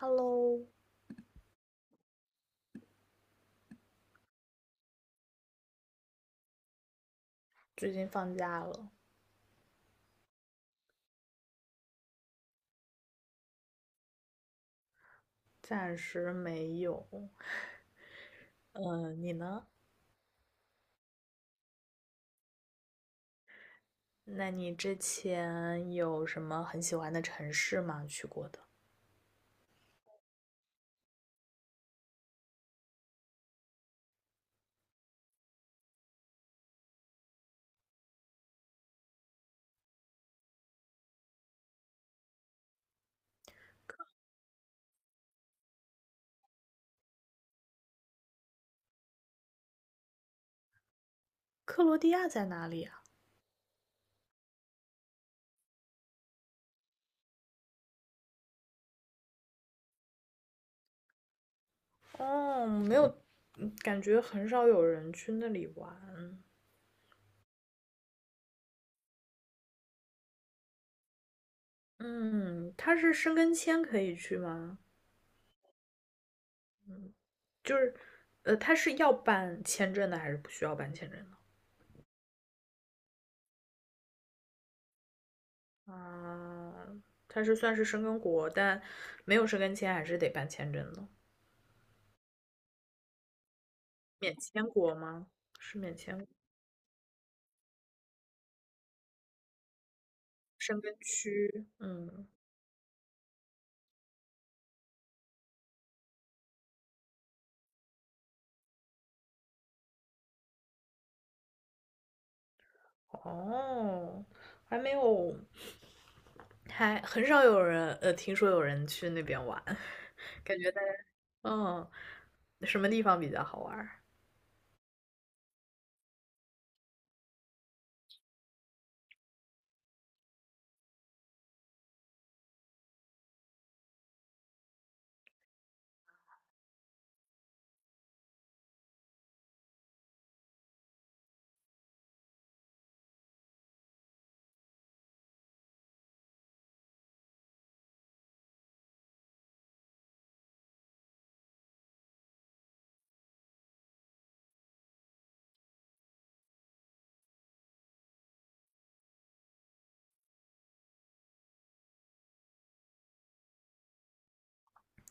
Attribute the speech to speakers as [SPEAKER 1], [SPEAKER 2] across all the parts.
[SPEAKER 1] Hello，最近放假了，暂时没有。嗯，你呢？那你之前有什么很喜欢的城市吗？去过的？克罗地亚在哪里啊？哦，没有，感觉很少有人去那里玩。嗯，它是申根签可以去吗？就是，它是要办签证的还是不需要办签证的？啊，它是算是申根国，但没有申根签还是得办签证的。免签国吗？是免签申根区，嗯，哦，还没有，还很少有人，听说有人去那边玩，感觉大家，嗯，什么地方比较好玩儿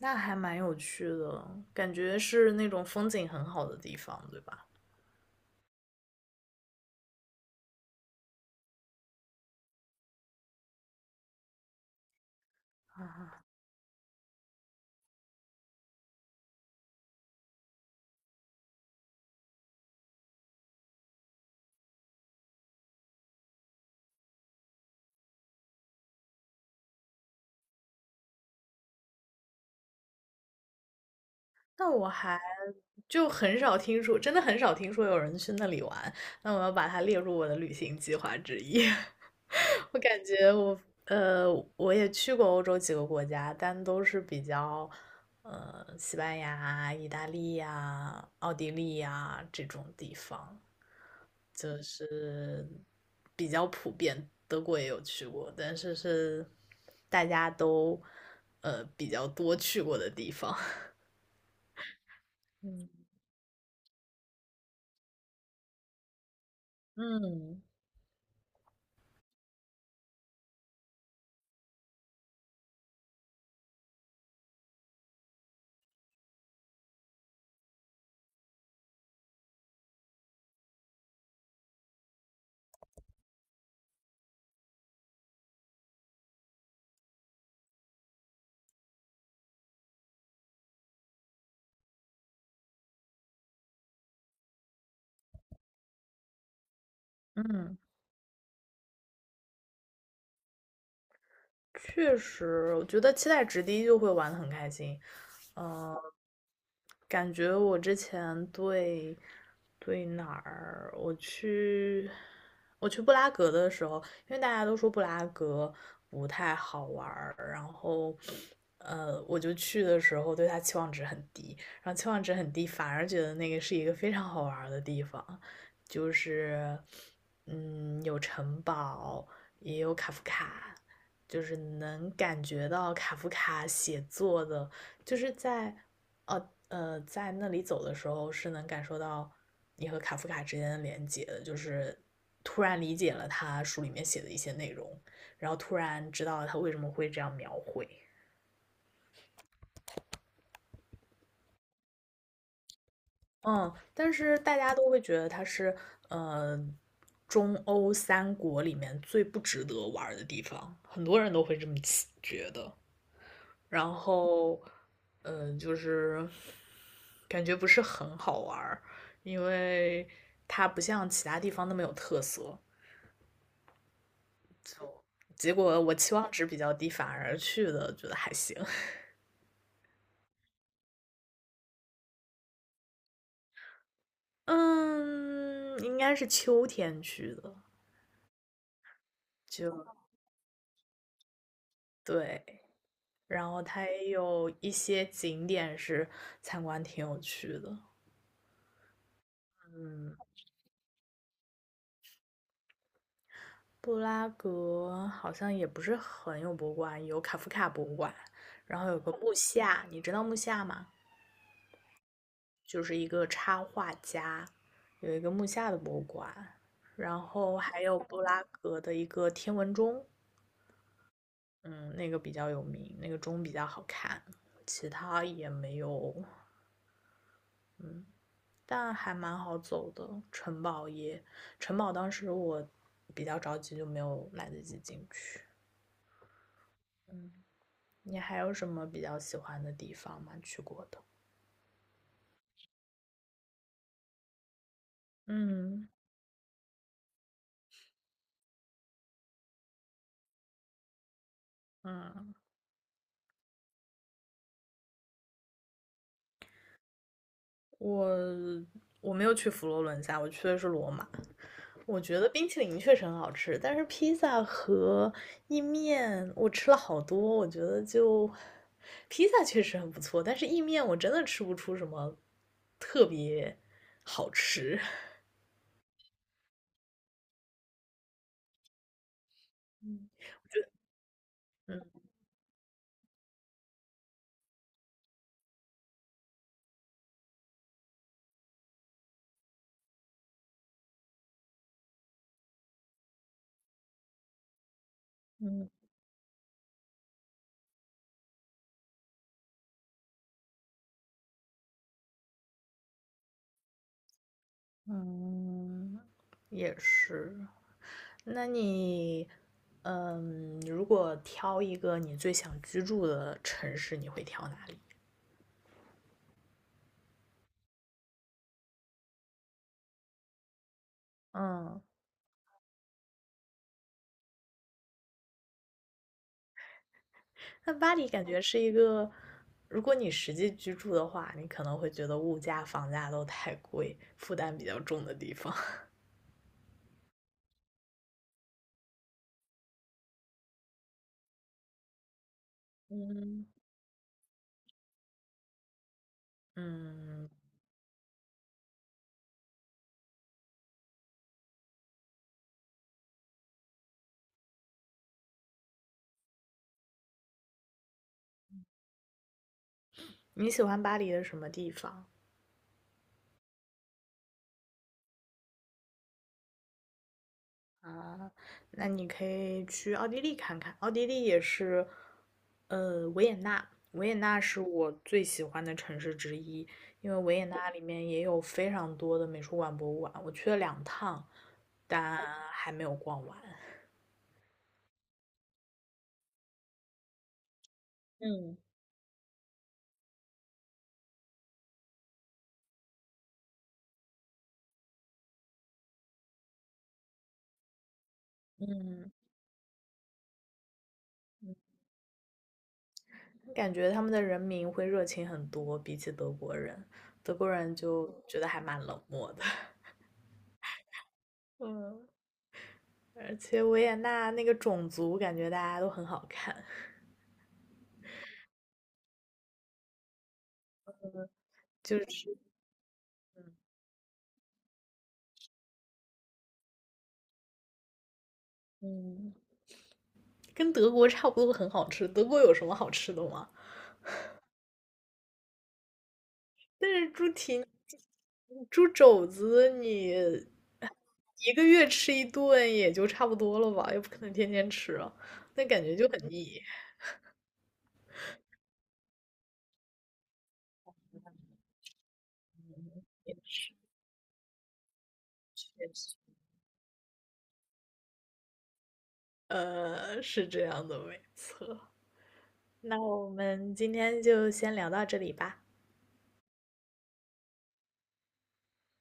[SPEAKER 1] 那还蛮有趣的，感觉是那种风景很好的地方，对吧？那我还就很少听说，真的很少听说有人去那里玩，那我要把它列入我的旅行计划之一。我感觉我呃，我也去过欧洲几个国家，但都是比较西班牙、意大利呀、奥地利呀这种地方比较普遍。德国也有去过，但是是大家都比较多去过的地方。嗯嗯。嗯。确实，我觉得期待值低就会玩的很开心。嗯、感觉我之前对对哪儿，我去我去布拉格的时候，因为大家都说布拉格不太好玩儿然后我就去的时候对它期望值很低，然后期望值很低，反而觉得那个是一个非常好玩儿的地方，就是嗯，有城堡，也有卡夫卡，就是能感觉到卡夫卡写作的，就是在在那里走的时候是能感受到你和卡夫卡之间的连接的，就是突然理解了他书里面写的一些内容，然后突然知道了他为什么会这样描绘。嗯，但是大家都会觉得他是呃中欧三国里面最不值得玩的地方，很多人都会这么觉得。然后，嗯，就是感觉不是很好玩儿，因为它不像其他地方那么有特色。结果我期望值比较低，反而去的觉得还行。嗯，应该是秋天去的，就对。然后它也有一些景点是参观挺有趣的，嗯，布拉格好像也不是很有博物馆，有卡夫卡博物馆，然后有个木下，你知道木下吗？就是一个插画家，有一个木下的博物馆，然后还有布拉格的一个天文钟，嗯，那个比较有名，那个钟比较好看，其他也没有，嗯，但还蛮好走的。城堡也，城堡当时我比较着急，就没有来得及进去，嗯。你还有什么比较喜欢的地方吗？去过的？嗯嗯，我我没有去佛罗伦萨，我去的是罗马。我觉得冰淇淋确实很好吃，但是披萨和意面我吃了好多，我觉得就披萨确实很不错，但是意面我真的吃不出什么特别好吃。嗯嗯嗯，也是。那你，嗯，如果挑一个你最想居住的城市，你会挑哪里？嗯，那巴黎感觉是一个，如果你实际居住的话，你可能会觉得物价、房价都太贵，负担比较重的地方。嗯，嗯，你喜欢巴黎的什么地方啊？那你可以去奥地利看看，奥地利也是维也纳，维也纳是我最喜欢的城市之一，因为维也纳里面也有非常多的美术馆、博物馆，我去了两趟，但还没有逛完。嗯，感觉他们的人民会热情很多，比起德国人，德国人就觉得还蛮冷漠的。嗯，而且维也纳那个种族，感觉大家都很好看，就是嗯，跟德国差不多，很好吃。德国有什么好吃的吗？但是猪蹄猪肘子你一个月吃一顿也就差不多了吧，又不可能天天吃啊，那感觉就很腻。是这样的，没错。那我们今天就先聊到这里吧。